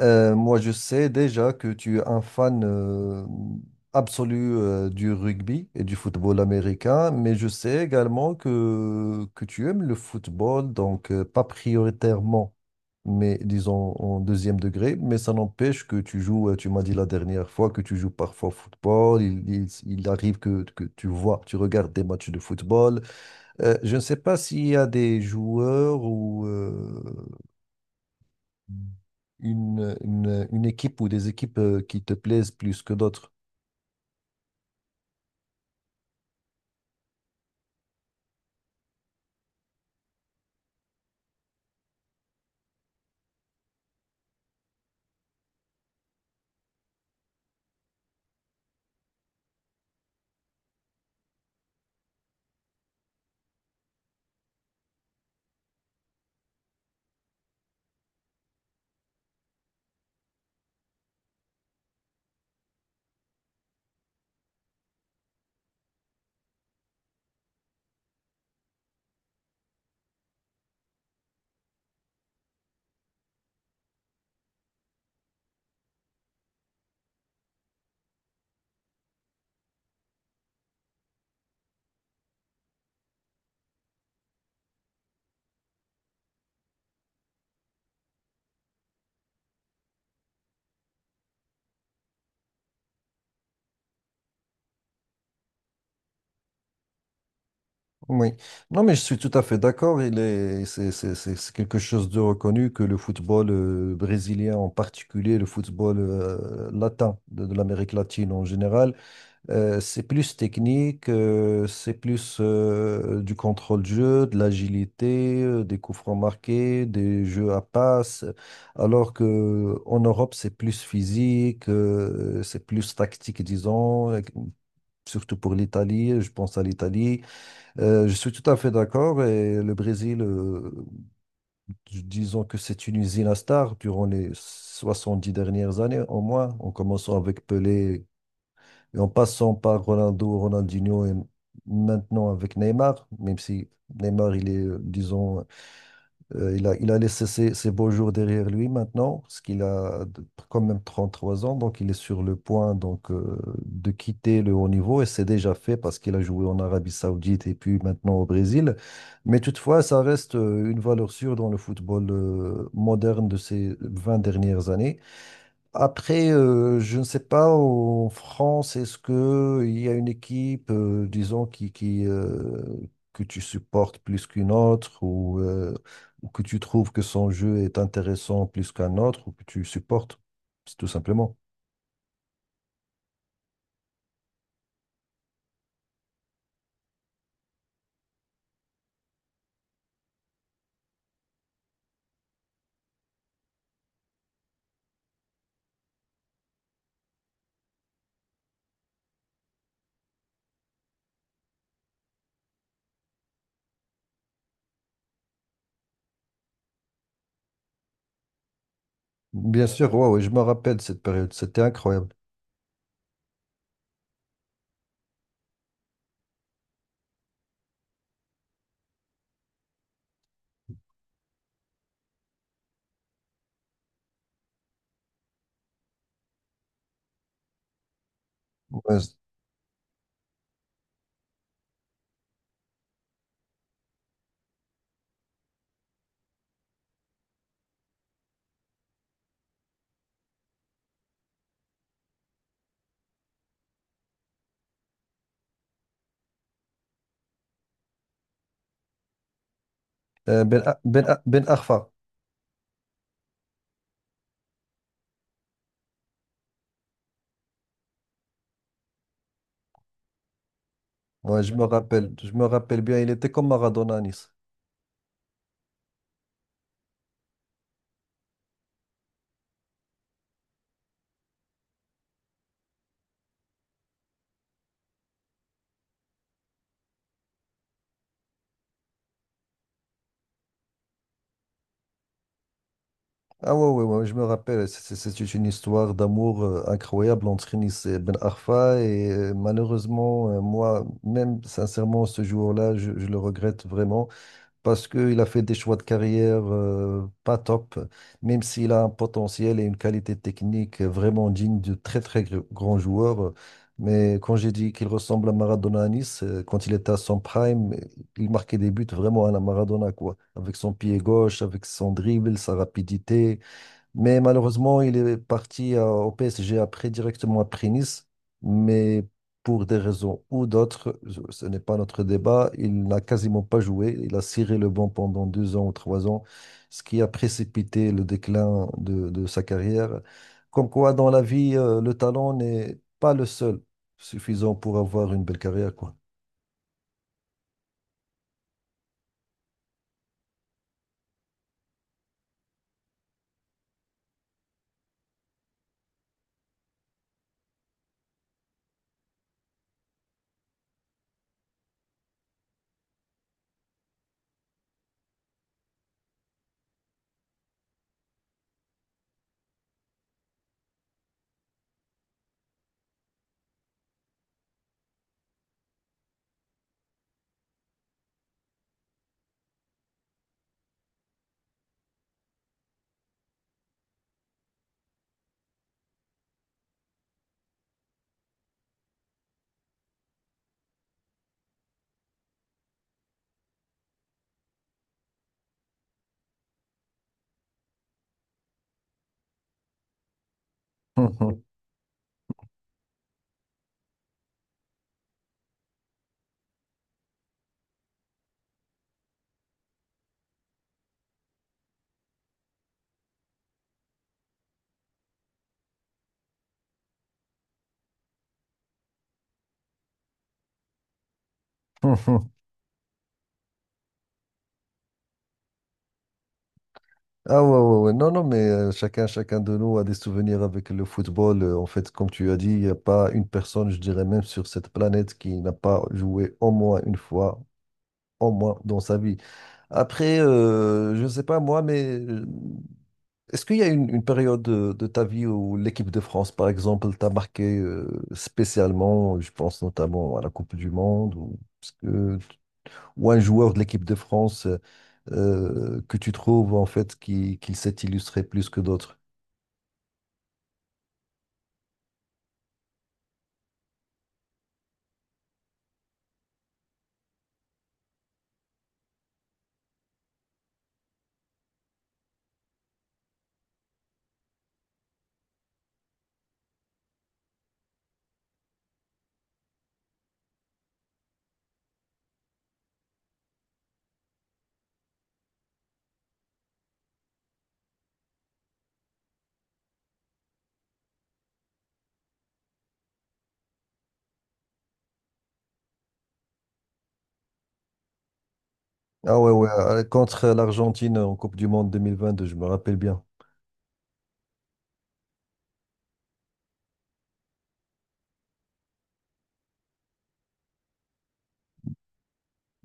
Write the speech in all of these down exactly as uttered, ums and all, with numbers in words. Euh, moi, je sais déjà que tu es un fan euh, absolu euh, du rugby et du football américain, mais je sais également que, que tu aimes le football, donc euh, pas prioritairement, mais disons en deuxième degré, mais ça n'empêche que tu joues, euh, tu m'as dit la dernière fois que tu joues parfois au football, il, il- il arrive que, que tu vois, tu regardes des matchs de football. Euh, je ne sais pas s'il y a des joueurs ou... euh, une, une, une équipe ou des équipes euh, qui te plaisent plus que d'autres. Oui. Non, mais je suis tout à fait d'accord. Il est, c'est, c'est, c'est- C'est quelque chose de reconnu que le football euh, brésilien en particulier, le football euh, latin de, de l'Amérique latine en général. Euh, c'est plus technique, euh, c'est plus euh, du contrôle de jeu, de l'agilité, euh, des coups francs marqués, des jeux à passe. Alors que en Europe, c'est plus physique, euh, c'est plus tactique, disons, euh, surtout pour l'Italie. Je pense à l'Italie. Euh, je suis tout à fait d'accord. Et le Brésil, euh, disons que c'est une usine à stars durant les soixante-dix dernières années, au moins, en commençant avec Pelé, et en passant par Ronaldo, Ronaldinho et maintenant avec Neymar, même si Neymar, il est, euh, disons, euh, il a, il a laissé ses, ses beaux jours derrière lui maintenant, parce qu'il a de- quand même trente-trois ans, donc il est sur le point donc, euh, de quitter le haut niveau, et c'est déjà fait parce qu'il a joué en Arabie Saoudite et puis maintenant au Brésil. Mais toutefois, ça reste euh, une valeur sûre dans le football euh, moderne de ces vingt dernières années. Après, euh, je ne sais pas, en France, est-ce que il y a une équipe, euh, disons, qui, qui, euh, que tu supportes plus qu'une autre, ou, euh, ou que tu trouves que son jeu est intéressant plus qu'un autre, ou que tu supportes, c'est tout simplement. Bien sûr, ouais, ouais, je me rappelle cette période, c'était incroyable. Ouais, c- euh, ben, A- ben, A- Ben Arfa, ouais, je me rappelle, je me rappelle bien, il était comme Maradona à Nice. Ah ouais, ouais, ouais, je me rappelle, c'est c'est- c'est une histoire d'amour euh, incroyable entre Nice et Ben Arfa et euh, malheureusement, euh, moi, même sincèrement, ce jour-là, je, je le regrette vraiment parce qu'il a fait des choix de carrière euh, pas top, même s'il a un potentiel et une qualité technique vraiment digne de très très gr- grands joueurs. Mais quand j'ai dit qu'il ressemble à Maradona à Nice, euh, quand il était à son prime, euh, il marquait des buts vraiment à la Maradona, quoi. Avec son pied gauche, avec son dribble, sa rapidité. Mais malheureusement, il est parti euh, au P S G après, directement après Nice. Mais pour des raisons ou d'autres, je- ce n'est pas notre débat, il n'a quasiment pas joué. Il a ciré le banc pendant deux ans ou trois ans, ce qui a précipité le déclin de, de sa carrière. Comme quoi, dans la vie, euh, le talent n'est pas le seul suffisant pour avoir une belle carrière, quoi. Ah ouais, ouais, ouais. Non, non, mais euh, chacun, chacun de nous a des souvenirs avec le football. Euh, en fait, comme tu as dit, il n'y a pas une personne, je dirais même sur cette planète, qui n'a pas joué au moins une fois, au moins dans sa vie. Après, euh, je ne sais pas moi, mais euh, est-ce qu'il y a une, une période de, de ta vie où l'équipe de France, par exemple, t'a marqué euh, spécialement? Je pense notamment à la Coupe du Monde. Ou... Parce que ou un joueur de l'équipe de France euh, euh, que tu trouves en fait qui, qui s'est illustré plus que d'autres? Ah ouais, ouais, euh, contre l'Argentine en Coupe du Monde deux mille vingt-deux, je me rappelle bien.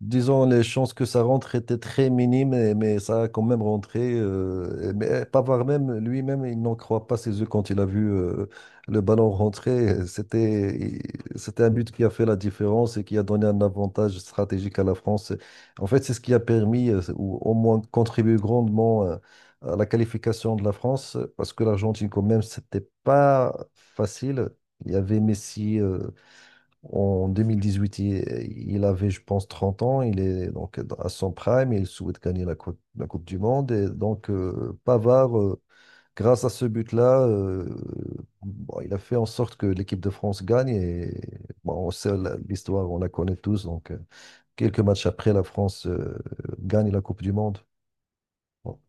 Disons, les chances que ça rentre étaient très minimes, et- mais ça a quand même rentré. Euh, et- mais Pavard même, lui-même, il n'en croit pas ses yeux quand il a vu euh, le ballon rentrer. C'était, il- c'était un but qui a fait la différence et qui a donné un avantage stratégique à la France. En fait, c'est ce qui a permis, euh, ou au moins contribué grandement euh, à la qualification de la France, parce que l'Argentine, quand même, c'était pas facile. Il y avait Messi. Euh, en deux mille dix-huit, il, il avait, je pense, trente ans. Il est donc dans- à son prime et il souhaite gagner la Coupe, la Coupe du Monde. Et donc, euh, Pavard, euh, grâce à ce but-là, euh, bon, il a fait en sorte que l'équipe de France gagne. Et bon, on sait la- l'histoire, on la connaît tous. Donc, euh, quelques matchs après, la France euh, gagne la Coupe du Monde. Bon.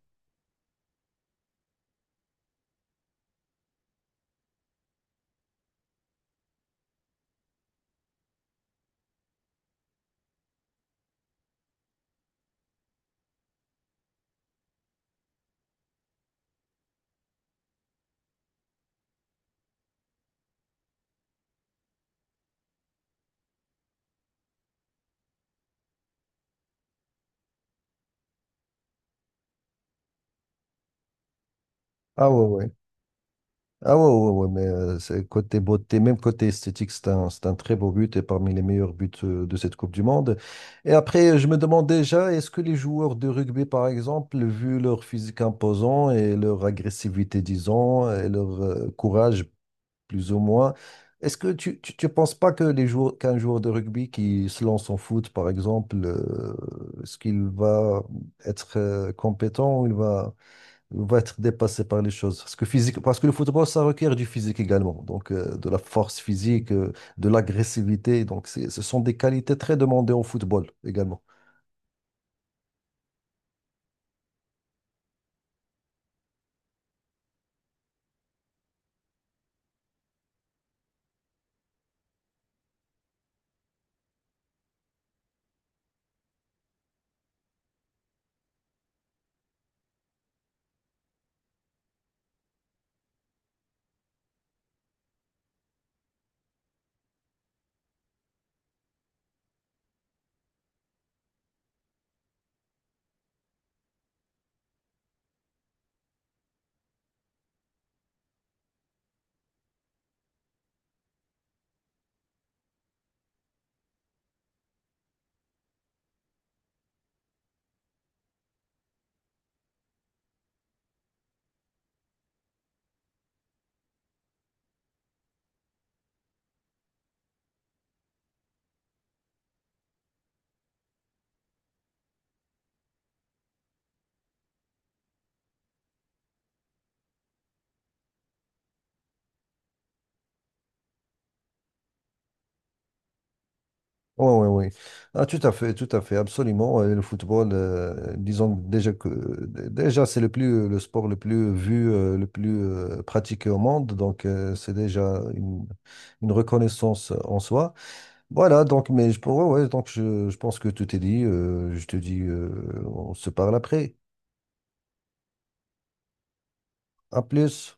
Ah ouais, ouais. Ah ouais, ouais, ouais, mais euh, c'est côté beauté, même côté esthétique, c'est un, c'est un très beau but et parmi les meilleurs buts euh, de cette Coupe du Monde. Et après, je me demande déjà, est-ce que les joueurs de rugby, par exemple, vu leur physique imposant et leur agressivité, disons, et leur euh, courage, plus ou moins, est-ce que tu ne penses pas que les joueurs, qu'un joueur de rugby qui se lance en foot, par exemple, euh, est-ce qu'il va être euh, compétent ou il va on va être dépassé par les choses. Parce que physique, parce que le football, ça requiert du physique également. Donc, euh, de la force physique, euh, de l'agressivité. Donc, c'est- ce sont des qualités très demandées au football également. Oui, oui, oui. Ah, tout à fait, tout à fait, absolument. Et le football, euh, disons déjà que déjà c'est le plus le sport le plus vu, euh, le plus euh, pratiqué au monde. Donc euh, c'est déjà une, une reconnaissance en soi. Voilà, donc, mais je pourrais, ouais, donc je, je pense que tout est dit. Euh, je te dis, euh, on se parle après. À plus.